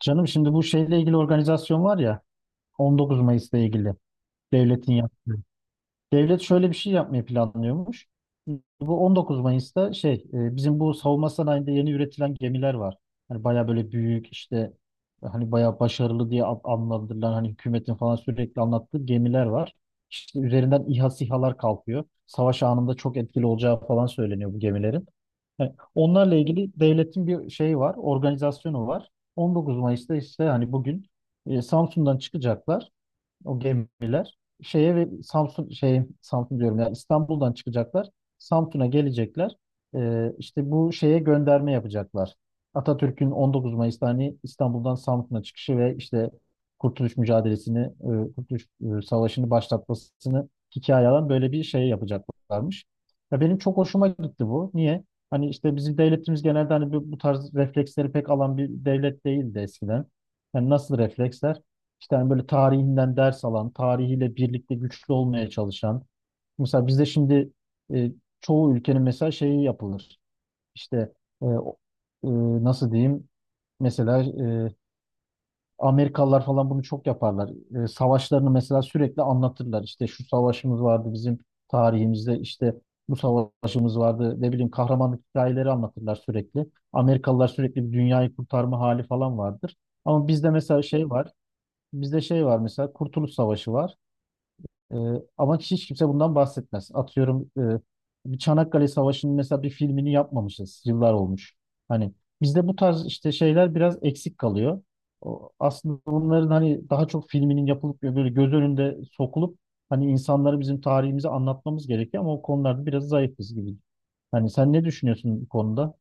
Canım şimdi bu şeyle ilgili organizasyon var ya, 19 Mayıs'la ilgili devletin yaptığı. Devlet şöyle bir şey yapmayı planlıyormuş. Bu 19 Mayıs'ta bizim bu savunma sanayinde yeni üretilen gemiler var. Hani baya böyle büyük işte hani baya başarılı diye adlandırılan, hani hükümetin falan sürekli anlattığı gemiler var. İşte üzerinden İHA SİHA'lar kalkıyor. Savaş anında çok etkili olacağı falan söyleniyor bu gemilerin. Yani onlarla ilgili devletin bir şeyi var, organizasyonu var. 19 Mayıs'ta işte hani bugün Samsun'dan çıkacaklar o gemiler şeye, ve Samsun diyorum, yani İstanbul'dan çıkacaklar. Samsun'a gelecekler. İşte bu şeye gönderme yapacaklar. Atatürk'ün 19 Mayıs'ta hani İstanbul'dan Samsun'a çıkışı ve işte Kurtuluş mücadelesini, Kurtuluş Savaşı'nı başlatmasını hikaye alan böyle bir şey yapacaklarmış. Ya benim çok hoşuma gitti bu. Niye? Hani işte bizim devletimiz genelde hani bu tarz refleksleri pek alan bir devlet değildi eskiden. Yani nasıl refleksler? İşte hani böyle tarihinden ders alan, tarihiyle birlikte güçlü olmaya çalışan. Mesela bizde şimdi e, çoğu ülkenin mesela şeyi yapılır. İşte e, o- e, Nasıl diyeyim? Mesela e, Amerikalılar falan bunu çok yaparlar. Savaşlarını mesela sürekli anlatırlar. İşte şu savaşımız vardı bizim tarihimizde, işte bu savaşımız vardı. Ne bileyim, kahramanlık hikayeleri anlatırlar sürekli. Amerikalılar sürekli bir dünyayı kurtarma hali falan vardır. Ama bizde mesela şey var. Bizde şey var mesela, Kurtuluş Savaşı var. Ee, Ama hiç kimse bundan bahsetmez. Atıyorum, bir Çanakkale Savaşı'nın mesela bir filmini yapmamışız. Yıllar olmuş. Hani bizde bu tarz işte şeyler biraz eksik kalıyor. O, aslında bunların hani daha çok filminin yapılıp ve böyle göz önünde sokulup hani insanlara bizim tarihimizi anlatmamız gerekiyor, ama o konularda biraz zayıfız gibi. Hani sen ne düşünüyorsun bu konuda?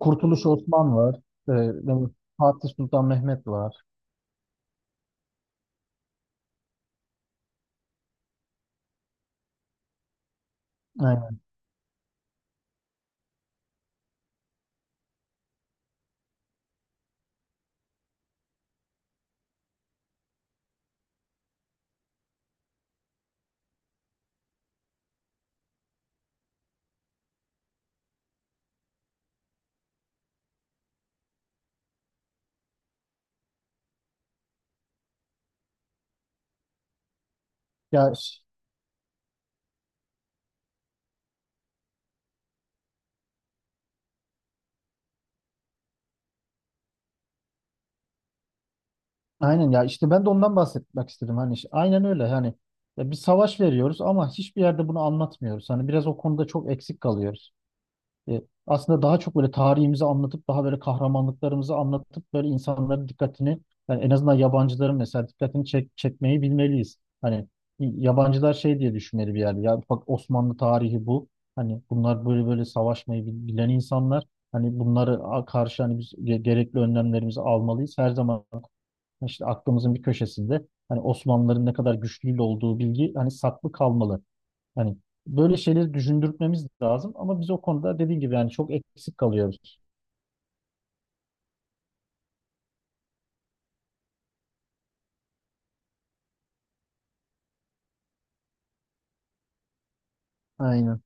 Kurtuluş Osman var. Ee, Fatih Sultan Mehmet var. Aynen. Ya, aynen ya, işte ben de ondan bahsetmek istedim. Hani işte aynen öyle, hani ya, bir savaş veriyoruz ama hiçbir yerde bunu anlatmıyoruz. Hani biraz o konuda çok eksik kalıyoruz. E, Aslında daha çok böyle tarihimizi anlatıp, daha böyle kahramanlıklarımızı anlatıp, böyle insanların dikkatini, yani en azından yabancıların mesela dikkatini çekmeyi bilmeliyiz. Hani yabancılar şey diye düşünmeli bir yerde. Ya bak, Osmanlı tarihi bu. Hani bunlar böyle böyle savaşmayı bilen insanlar. Hani bunları karşı hani biz gerekli önlemlerimizi almalıyız. Her zaman işte aklımızın bir köşesinde hani Osmanlıların ne kadar güçlü olduğu bilgi hani saklı kalmalı. Hani böyle şeyleri düşündürtmemiz lazım, ama biz o konuda dediğim gibi yani çok eksik kalıyoruz. Aynen.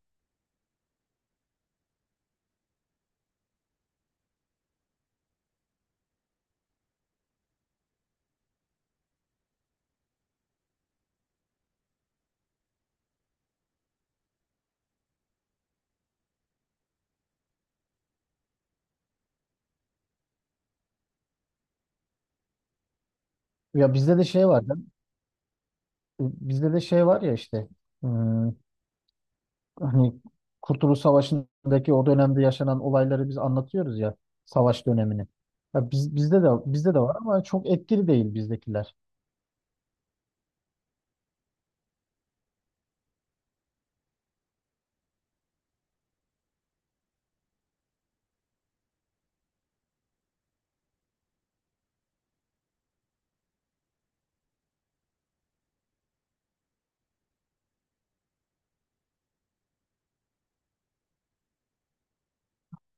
Ya bizde de şey var. Ya, bizde de şey var ya, işte hmm, hani Kurtuluş Savaşı'ndaki o dönemde yaşanan olayları biz anlatıyoruz ya, savaş dönemini. Ya biz, bizde de var ama çok etkili değil bizdekiler.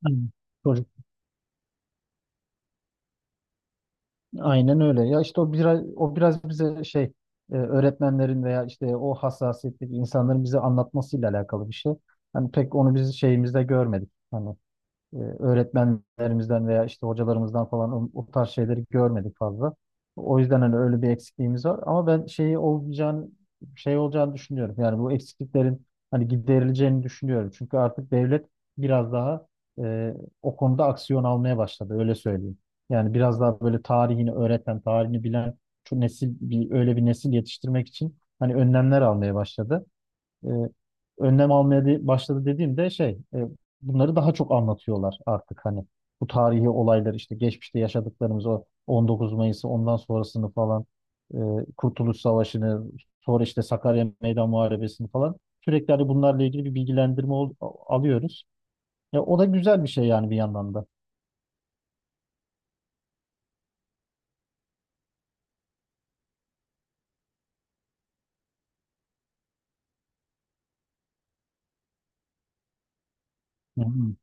Aynen. Aynen öyle. Ya işte o biraz bize şey, öğretmenlerin veya işte o hassasiyetteki insanların bize anlatmasıyla alakalı bir şey. Hani pek onu biz şeyimizde görmedik. Hani öğretmenlerimizden veya işte hocalarımızdan falan o tarz şeyleri görmedik fazla. O yüzden hani öyle bir eksikliğimiz var. Ama ben şey olacağını düşünüyorum. Yani bu eksikliklerin hani giderileceğini düşünüyorum. Çünkü artık devlet biraz daha e, o konuda aksiyon almaya başladı. Öyle söyleyeyim. Yani biraz daha böyle tarihini öğreten, tarihini bilen şu nesil, bir öyle bir nesil yetiştirmek için hani önlemler almaya başladı. e, Önlem almaya başladı dediğimde bunları daha çok anlatıyorlar artık hani bu tarihi olaylar, işte geçmişte yaşadıklarımız, o 19 Mayıs'ı, ondan sonrasını falan, e, Kurtuluş Savaşı'nı, sonra işte Sakarya Meydan Muharebesi'ni falan, sürekli hani bunlarla ilgili bir bilgilendirme alıyoruz. Ya o da güzel bir şey yani bir yandan da. Hı hı.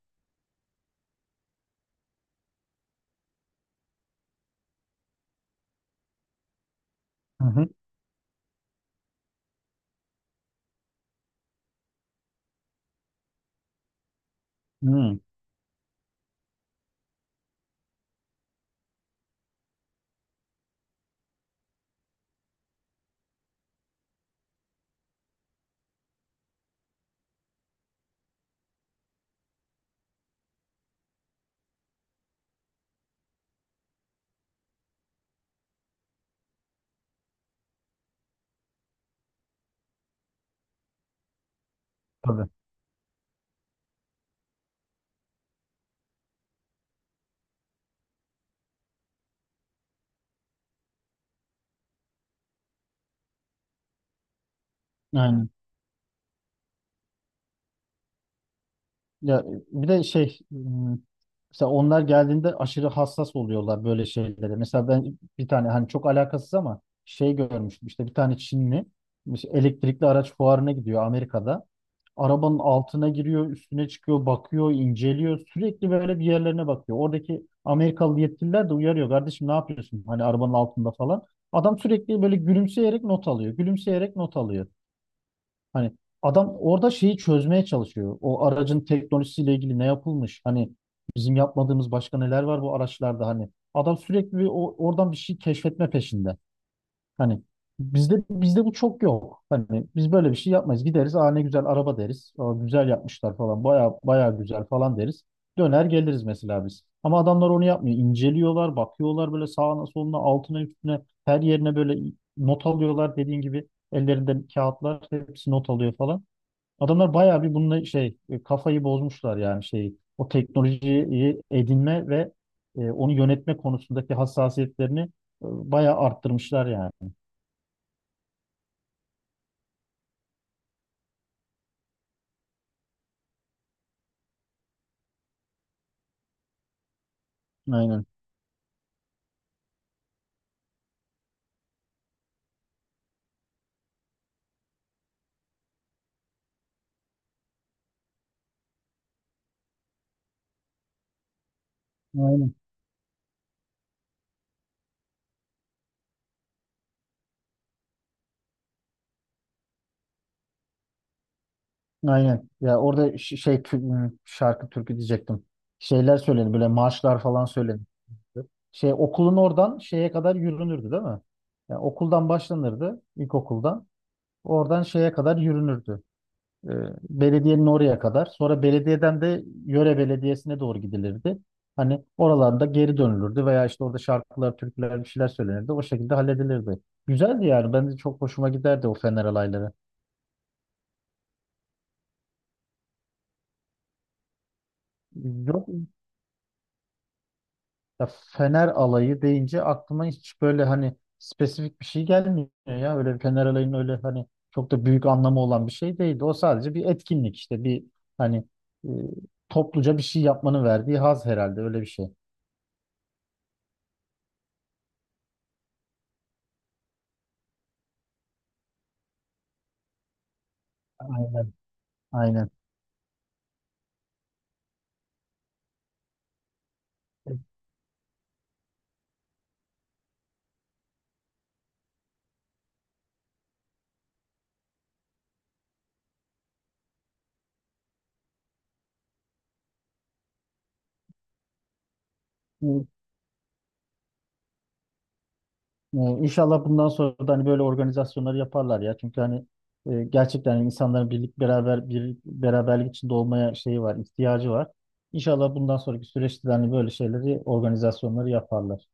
Hı hı. Hı. Tabii. Aynen. Ya bir de mesela onlar geldiğinde aşırı hassas oluyorlar böyle şeylere. Mesela ben bir tane hani çok alakasız ama şey görmüştüm, işte bir tane Çinli işte elektrikli araç fuarına gidiyor Amerika'da. Arabanın altına giriyor, üstüne çıkıyor, bakıyor, inceliyor. Sürekli böyle bir yerlerine bakıyor. Oradaki Amerikalı yetkililer de uyarıyor. Kardeşim, ne yapıyorsun? Hani arabanın altında falan. Adam sürekli böyle gülümseyerek not alıyor. Gülümseyerek not alıyor. Hani adam orada şeyi çözmeye çalışıyor. O aracın teknolojisiyle ilgili ne yapılmış? Hani bizim yapmadığımız başka neler var bu araçlarda hani? Adam sürekli bir oradan bir şey keşfetme peşinde. Hani bizde bu çok yok. Hani biz böyle bir şey yapmayız. Gideriz, aa ne güzel araba deriz. Aa, güzel yapmışlar falan. Baya baya güzel falan deriz. Döner geliriz mesela biz. Ama adamlar onu yapmıyor. İnceliyorlar, bakıyorlar böyle sağına soluna, altına üstüne, her yerine böyle not alıyorlar dediğin gibi. Ellerinde kağıtlar, hepsi not alıyor falan. Adamlar bayağı bir bununla kafayı bozmuşlar yani, şey o teknolojiyi edinme ve onu yönetme konusundaki hassasiyetlerini bayağı arttırmışlar yani. Aynen. Aynen. Aynen. Ya orada şarkı türkü diyecektim. Şeyler söyledi böyle, marşlar falan söyledi. Şey, okulun oradan şeye kadar yürünürdü değil mi? Yani okuldan başlanırdı, ilkokuldan. Oradan şeye kadar yürünürdü. Ee, Belediyenin oraya kadar. Sonra belediyeden de yöre belediyesine doğru gidilirdi. Hani oralarda geri dönülürdü veya işte orada şarkılar, türküler, bir şeyler söylenirdi. O şekilde halledilirdi. Güzeldi yani. Ben de çok hoşuma giderdi o Fener alayları. Yok. Ya, Fener alayı deyince aklıma hiç böyle hani spesifik bir şey gelmiyor ya. Öyle bir Fener alayının öyle hani çok da büyük anlamı olan bir şey değildi. O sadece bir etkinlik, işte bir, hani e, topluca bir şey yapmanın verdiği haz, herhalde öyle bir şey. Aynen. Aynen. Bu, İnşallah bundan sonra da hani böyle organizasyonları yaparlar ya. Çünkü hani gerçekten insanların birlik beraber bir beraberlik içinde olmaya şeyi var, ihtiyacı var. İnşallah bundan sonraki süreçte de hani böyle şeyleri, organizasyonları yaparlar.